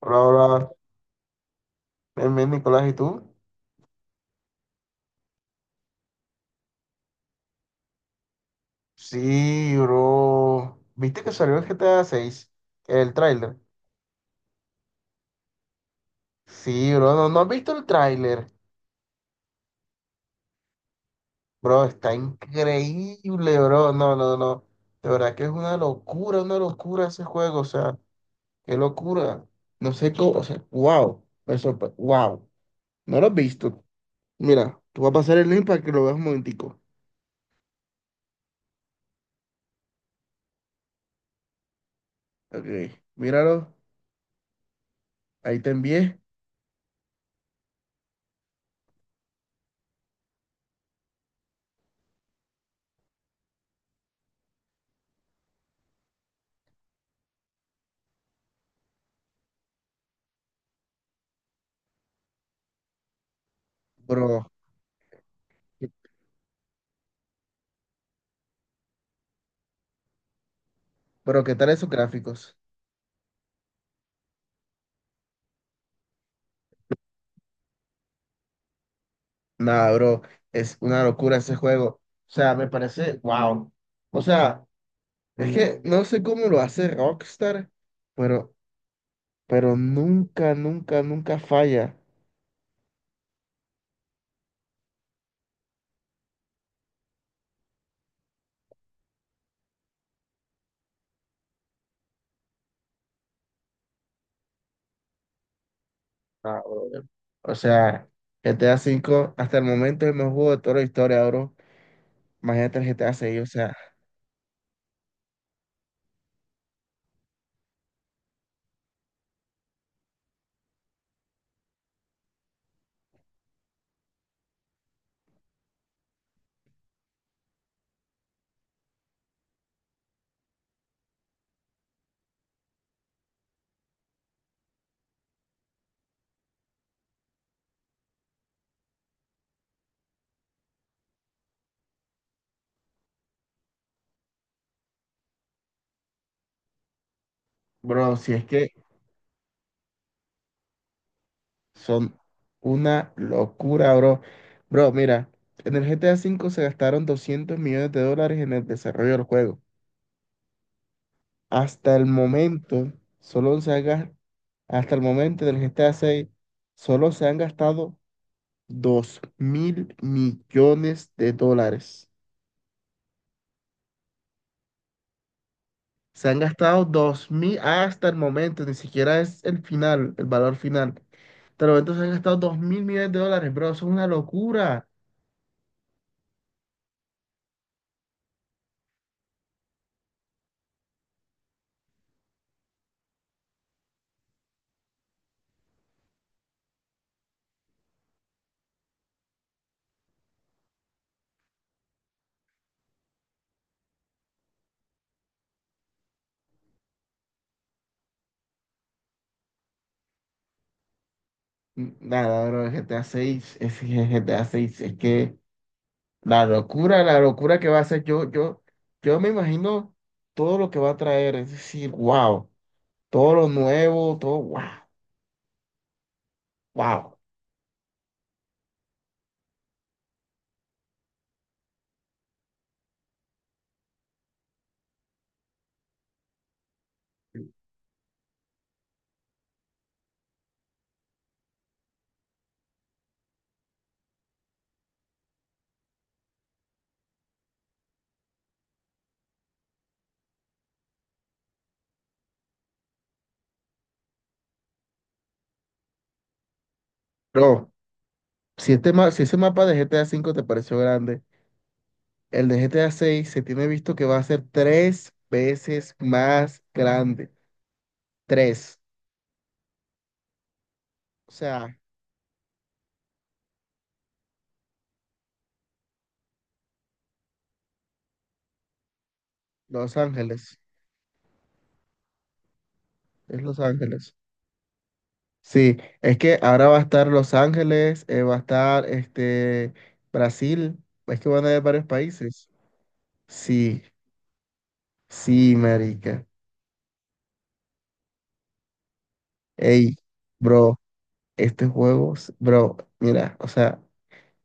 Hola, hola. Bien, bien, Nicolás, ¿y tú? Sí, bro. ¿Viste que salió el GTA seis, el tráiler? Sí, bro. No, ¿no has visto el tráiler? Bro, está increíble, bro. No, no, no. De verdad que es una locura ese juego. O sea, qué locura. No sé cómo, o sea, wow. Wow. No lo has visto. Mira, tú vas a pasar el link para que lo veas un momentico. Ok, míralo. Ahí te envié. Bro, pero ¿qué tal esos gráficos? Nada, bro, es una locura ese juego. O sea, me parece, wow. O sea, es que no sé cómo lo hace Rockstar, pero, pero nunca, nunca, nunca falla. Nah, brother. O sea, GTA cinco hasta el momento es el mejor juego de toda la historia, bro. Imagínate el GTA 6, o sea, bro, si es que son una locura, bro. Bro, mira, en el GTA cinco se gastaron 200 millones de dólares en el desarrollo del juego. Hasta el momento, solo se ha gas- hasta el momento del GTA 6, solo se han gastado 2 mil millones de dólares. Se han gastado dos mil hasta el momento, ni siquiera es el final, el valor final. Hasta el momento se han gastado 2 mil millones de dólares, bro, eso es una locura. Nada, bro, el GTA 6, es que el GTA 6, es que la locura que va a ser, yo me imagino todo lo que va a traer, es decir, wow. Todo lo nuevo, todo, wow, wow. Bro, si ese mapa de GTA cinco te pareció grande, el de GTA seis se tiene visto que va a ser tres veces más grande. Tres. O sea, Los Ángeles. Es Los Ángeles. Sí, es que ahora va a estar Los Ángeles, va a estar este, Brasil, es que van a haber varios países. Sí, sí, marica. Ey, bro, este juego, bro, mira, o sea.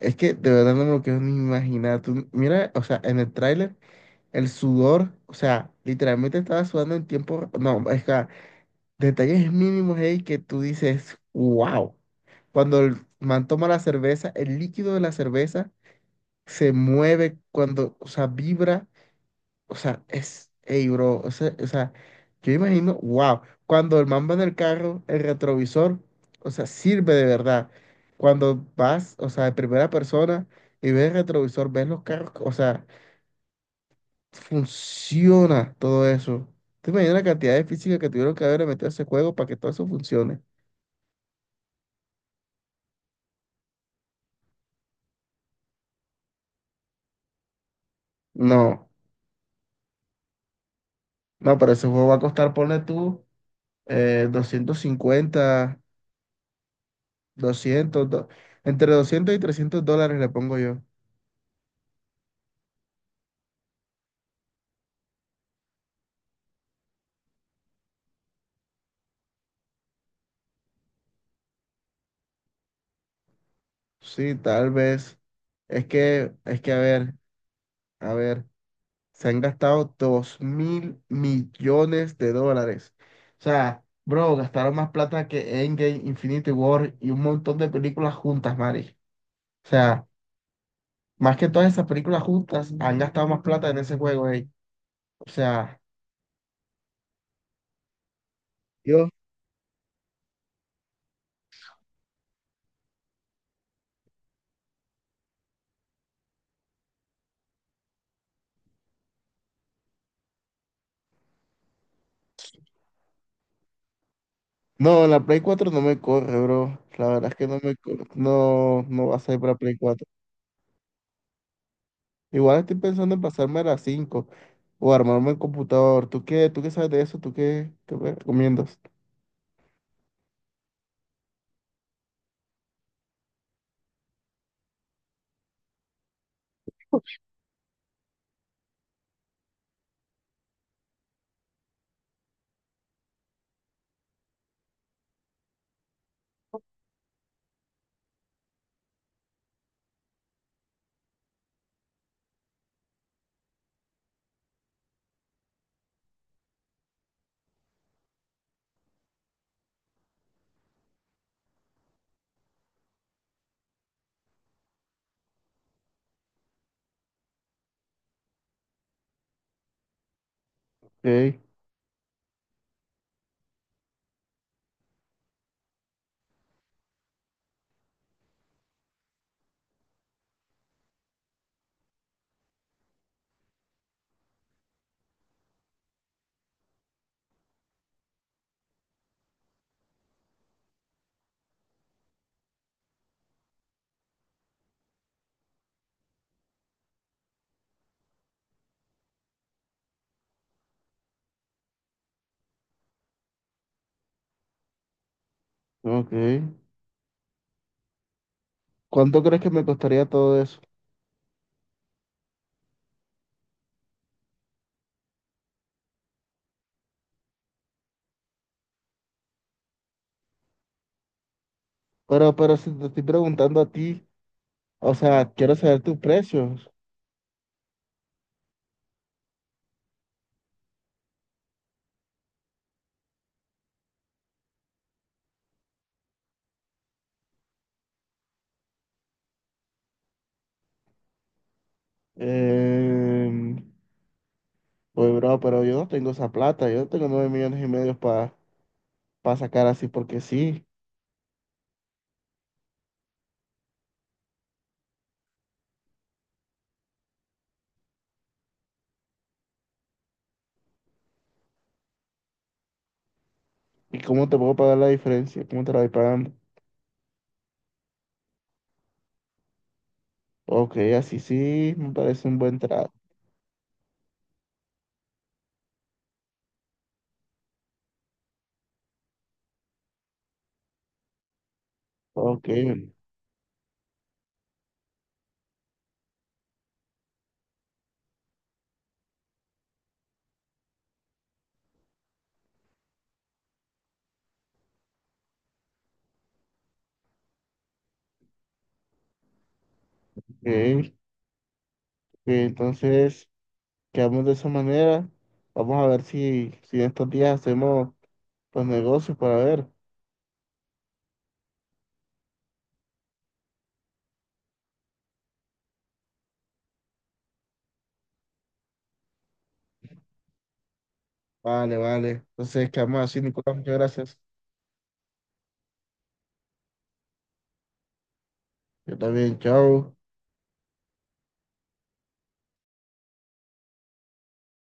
Es que de verdad no me lo quiero ni imaginar. Tú, mira, o sea, en el tráiler, el sudor, o sea, literalmente estaba sudando en tiempo. No, es que detalles mínimos ahí que tú dices, wow. Cuando el man toma la cerveza, el líquido de la cerveza se mueve, cuando, o sea, vibra. O sea, es, ey, bro, o sea, yo imagino, wow, cuando el man va en el carro, el retrovisor, o sea, sirve de verdad. Cuando vas, o sea, de primera persona y ves el retrovisor, ves los carros, o sea, funciona todo eso. ¿Te imaginas la cantidad de física que tuvieron que haber metido a ese juego para que todo eso funcione? No, no, pero ese juego va a costar, ponle tú, 250, 200, entre 200 y $300 le pongo yo. Sí, tal vez. Es que, a ver, se han gastado dos mil millones de dólares. O sea, bro, gastaron más plata que Endgame, Infinity War y un montón de películas juntas, Mari. O sea, más que todas esas películas juntas, han gastado más plata en ese juego, ey. O sea, yo, no, la Play cuatro no me corre, bro. La verdad es que no me corre. No, no va a salir para Play. Igual estoy pensando en pasarme a las 5 o armarme el computador. ¿Tú qué? ¿Tú qué sabes de eso? ¿Tú qué me recomiendas? Ok, ok. ¿Cuánto crees que me costaría todo eso? Pero si te estoy preguntando a ti, o sea, quiero saber tus precios. Eh, pues, bro, pero yo no tengo esa plata. Yo no tengo 9 millones y medio para sacar así porque sí. ¿Y cómo te puedo pagar la diferencia? ¿Cómo te la voy pagando? Ok, así sí, me parece un buen trato. Ok, ok. Entonces, quedamos de esa manera. Vamos a ver si en estos días hacemos los negocios para ver. Vale, vale. Entonces, quedamos así, Nicolás. Muchas gracias. Yo también, chao.